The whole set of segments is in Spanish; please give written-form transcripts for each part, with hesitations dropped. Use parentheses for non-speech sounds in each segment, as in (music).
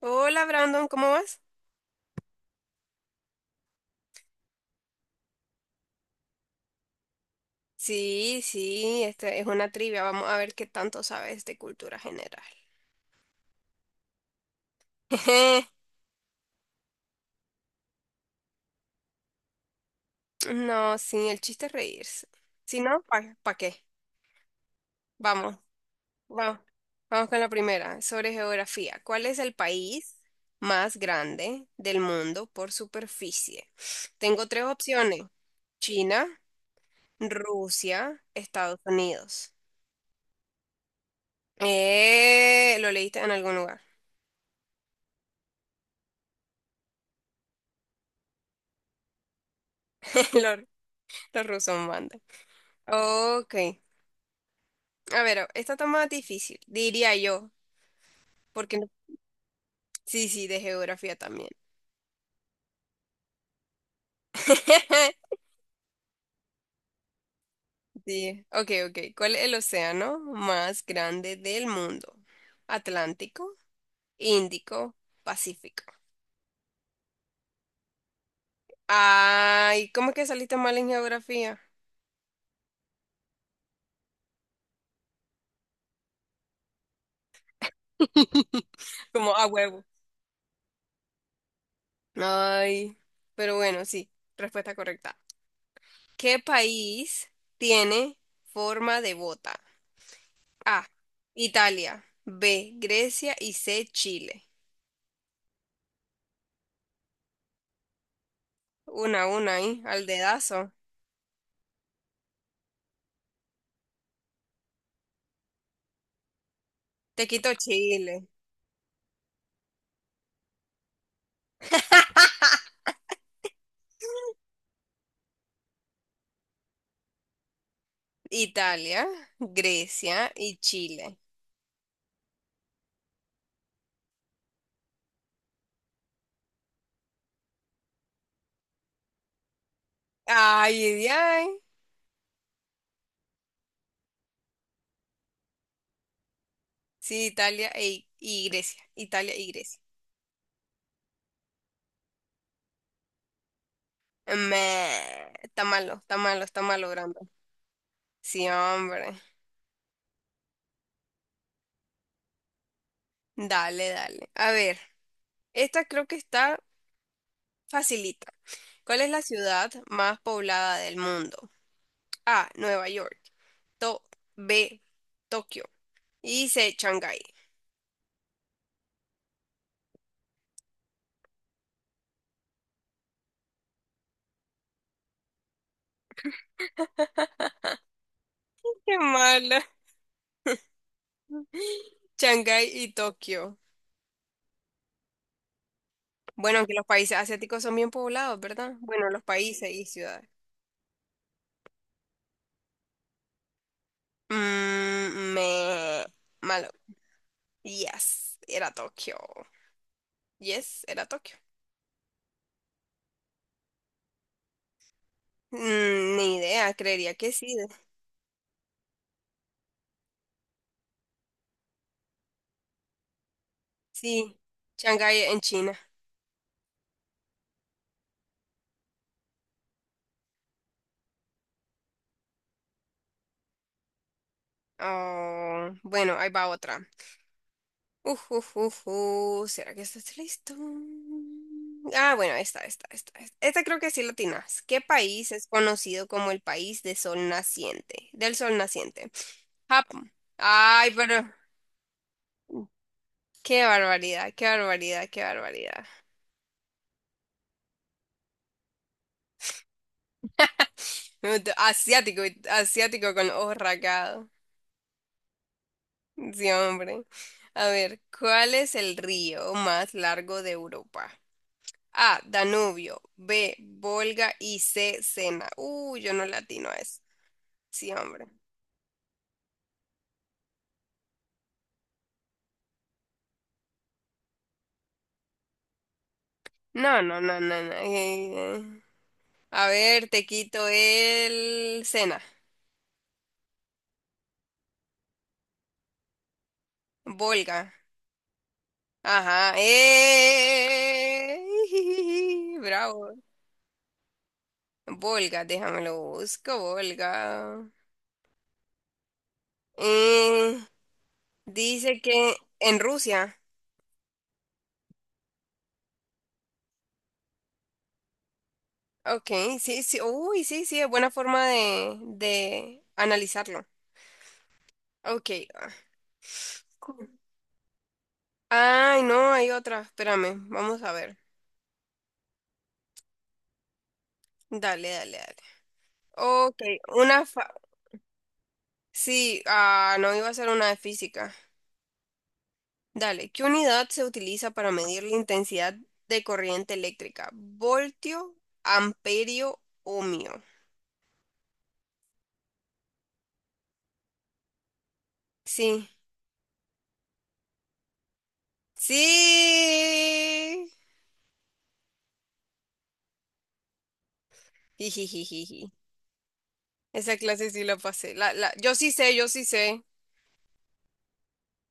Hola Brandon, ¿cómo vas? Sí, sí, este es una trivia. Vamos a ver qué tanto sabes de cultura general. (laughs) No, sí, el chiste es reírse. Si no, ¿para qué? Vamos, vamos, vamos con la primera, sobre geografía. ¿Cuál es el país más grande del mundo por superficie? Tengo tres opciones. China, Rusia, Estados Unidos. Lo leíste en algún lugar. (laughs) Los, los rusos mandan. Ok. A ver, esta está más difícil, diría yo, porque sí, sí, de geografía también. (laughs) Sí. Ok. ¿Cuál es el océano más grande del mundo? Atlántico, Índico, Pacífico. Ay, ¿cómo es que saliste mal en geografía? (laughs) Como a huevo. Ay, pero bueno, sí, respuesta correcta. ¿Qué país tiene forma de bota? A. Italia. B. Grecia. Y C. Chile. Una a una ahí, al dedazo. Te quito Chile. (laughs) Italia, Grecia y Chile. Ay, ay, ay. Sí, Italia y Grecia. Italia y Grecia. Me, está malo, Brandon. Sí, hombre. Dale, dale. A ver, esta creo que está facilita. ¿Cuál es la ciudad más poblada del mundo? A. Nueva York. To- B. Tokio. Y C. Shanghái. (laughs) Qué mala. Shanghái y Tokio. Bueno, aunque los países asiáticos son bien poblados, ¿verdad? Bueno, los países y ciudades. Mm, me... Malo. Yes, era Tokio. Yes, era Tokio. Mm, ni idea, creería que sí. Sí, Shanghái en China. Oh, bueno, ahí va otra. Uf. ¿Será que estás listo? Ah, bueno, esta. Esta creo que sí lo tienes. ¿Qué país es conocido como el país de sol naciente? Del sol naciente. Japón. Ay, pero qué barbaridad. (laughs) Asiático, asiático con los ojos rasgados. Sí, hombre. A ver, ¿cuál es el río más largo de Europa? A, Danubio, B, Volga y C, Sena. Yo no latino a eso. Sí, hombre. No. A ver, te quito el Sena. Volga. Ajá. (laughs) Bravo. Volga, déjamelo busco, Volga. Eh, Dice que en Rusia. Ok, sí, sí. Uy, sí, sí, es buena forma de analizarlo. Ok. Ay, no, hay otra. Espérame, vamos a ver. Dale, dale, dale. Ok, una fa... Sí, ah, no iba a ser una de física. Dale, ¿qué unidad se utiliza para medir la intensidad de corriente eléctrica? ¿Voltio, amperio, ohmio? Sí. Sí. Jijijijiji. Esa clase sí la pasé. Yo sí sé, yo sí sé.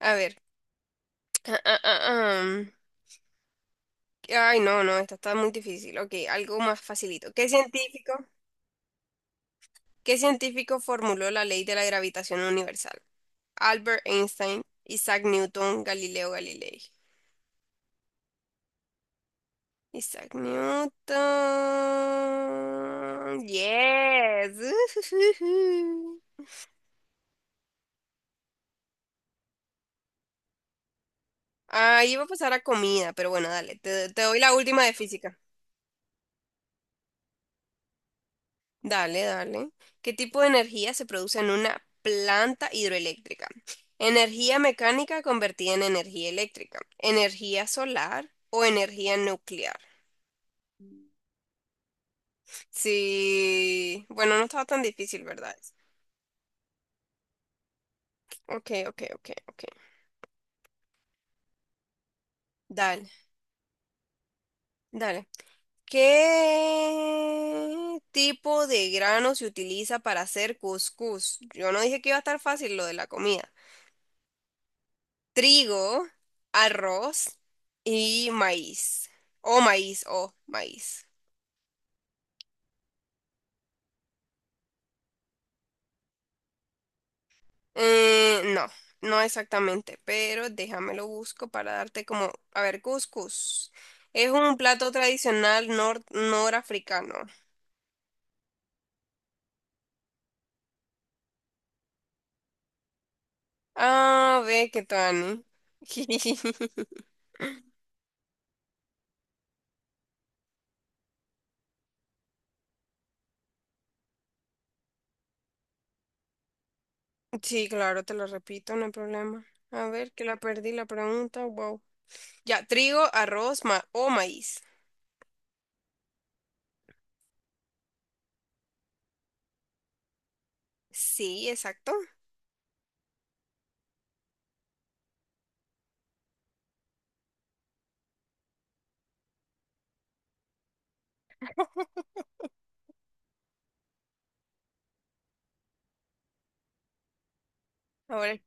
A ver. Ah, ah, ah, ah. Ay, no, no, esta está muy difícil. Ok, algo más facilito. ¿Qué científico formuló la ley de la gravitación universal? Albert Einstein, Isaac Newton, Galileo Galilei. Isaac Newton. Yes. (laughs) Ah, iba a pasar a comida, pero bueno, dale. Te doy la última de física. Dale, dale. ¿Qué tipo de energía se produce en una planta hidroeléctrica? Energía mecánica convertida en energía eléctrica, energía solar o energía nuclear. Sí, bueno, no estaba tan difícil, ¿verdad? Ok. Dale, dale. ¿Qué tipo de grano se utiliza para hacer cuscús? Yo no dije que iba a estar fácil lo de la comida. Trigo, arroz y maíz. O maíz. No, no exactamente, pero déjamelo busco para darte como, a ver, cuscús. Es un plato tradicional nor norafricano. Ah, ve que Tani. (laughs) Sí, claro, te lo repito, no hay problema. A ver, que la perdí la pregunta. Wow. Ya, trigo, arroz ma o maíz. Sí, exacto. Ahora,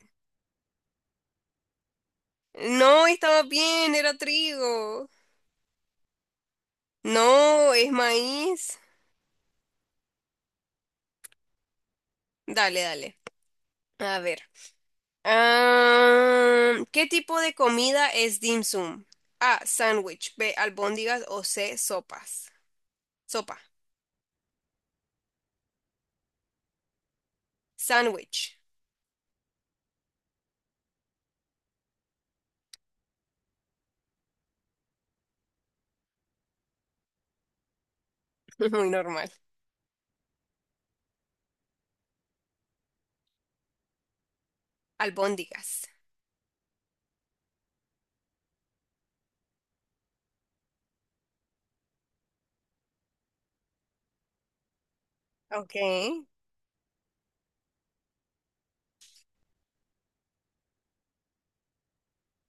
no, estaba bien, era trigo. No, es maíz. Dale, dale. A ver. Ah, ¿qué tipo de comida es dim sum? A, sándwich. B, albóndigas o C, sopas. Sopa. Sándwich. (laughs) Muy normal. Albóndigas. Okay.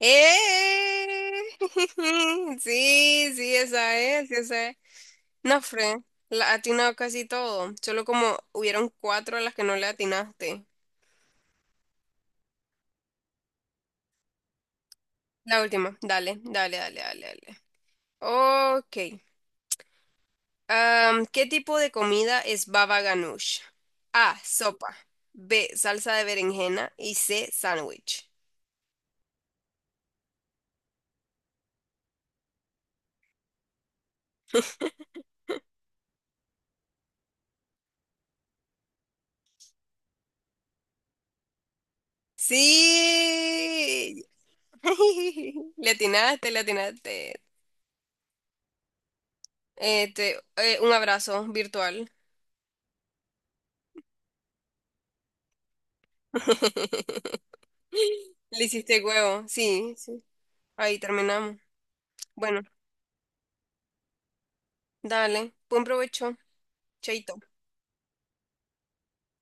¡Eh! (laughs) Sí, sí, esa es, sí, esa es. No, Fred, la ha atinado casi todo. Solo como hubieron cuatro a las que no le atinaste. La última, dale. Ok. Am, ¿qué tipo de comida es baba ganoush? A, sopa. B, salsa de berenjena. Y C, sándwich. Sí. (laughs) Le atinaste, le atinaste. Este, un abrazo virtual. (laughs) Le hiciste huevo, sí, sí. Ahí terminamos. Bueno, dale, buen provecho, chaito.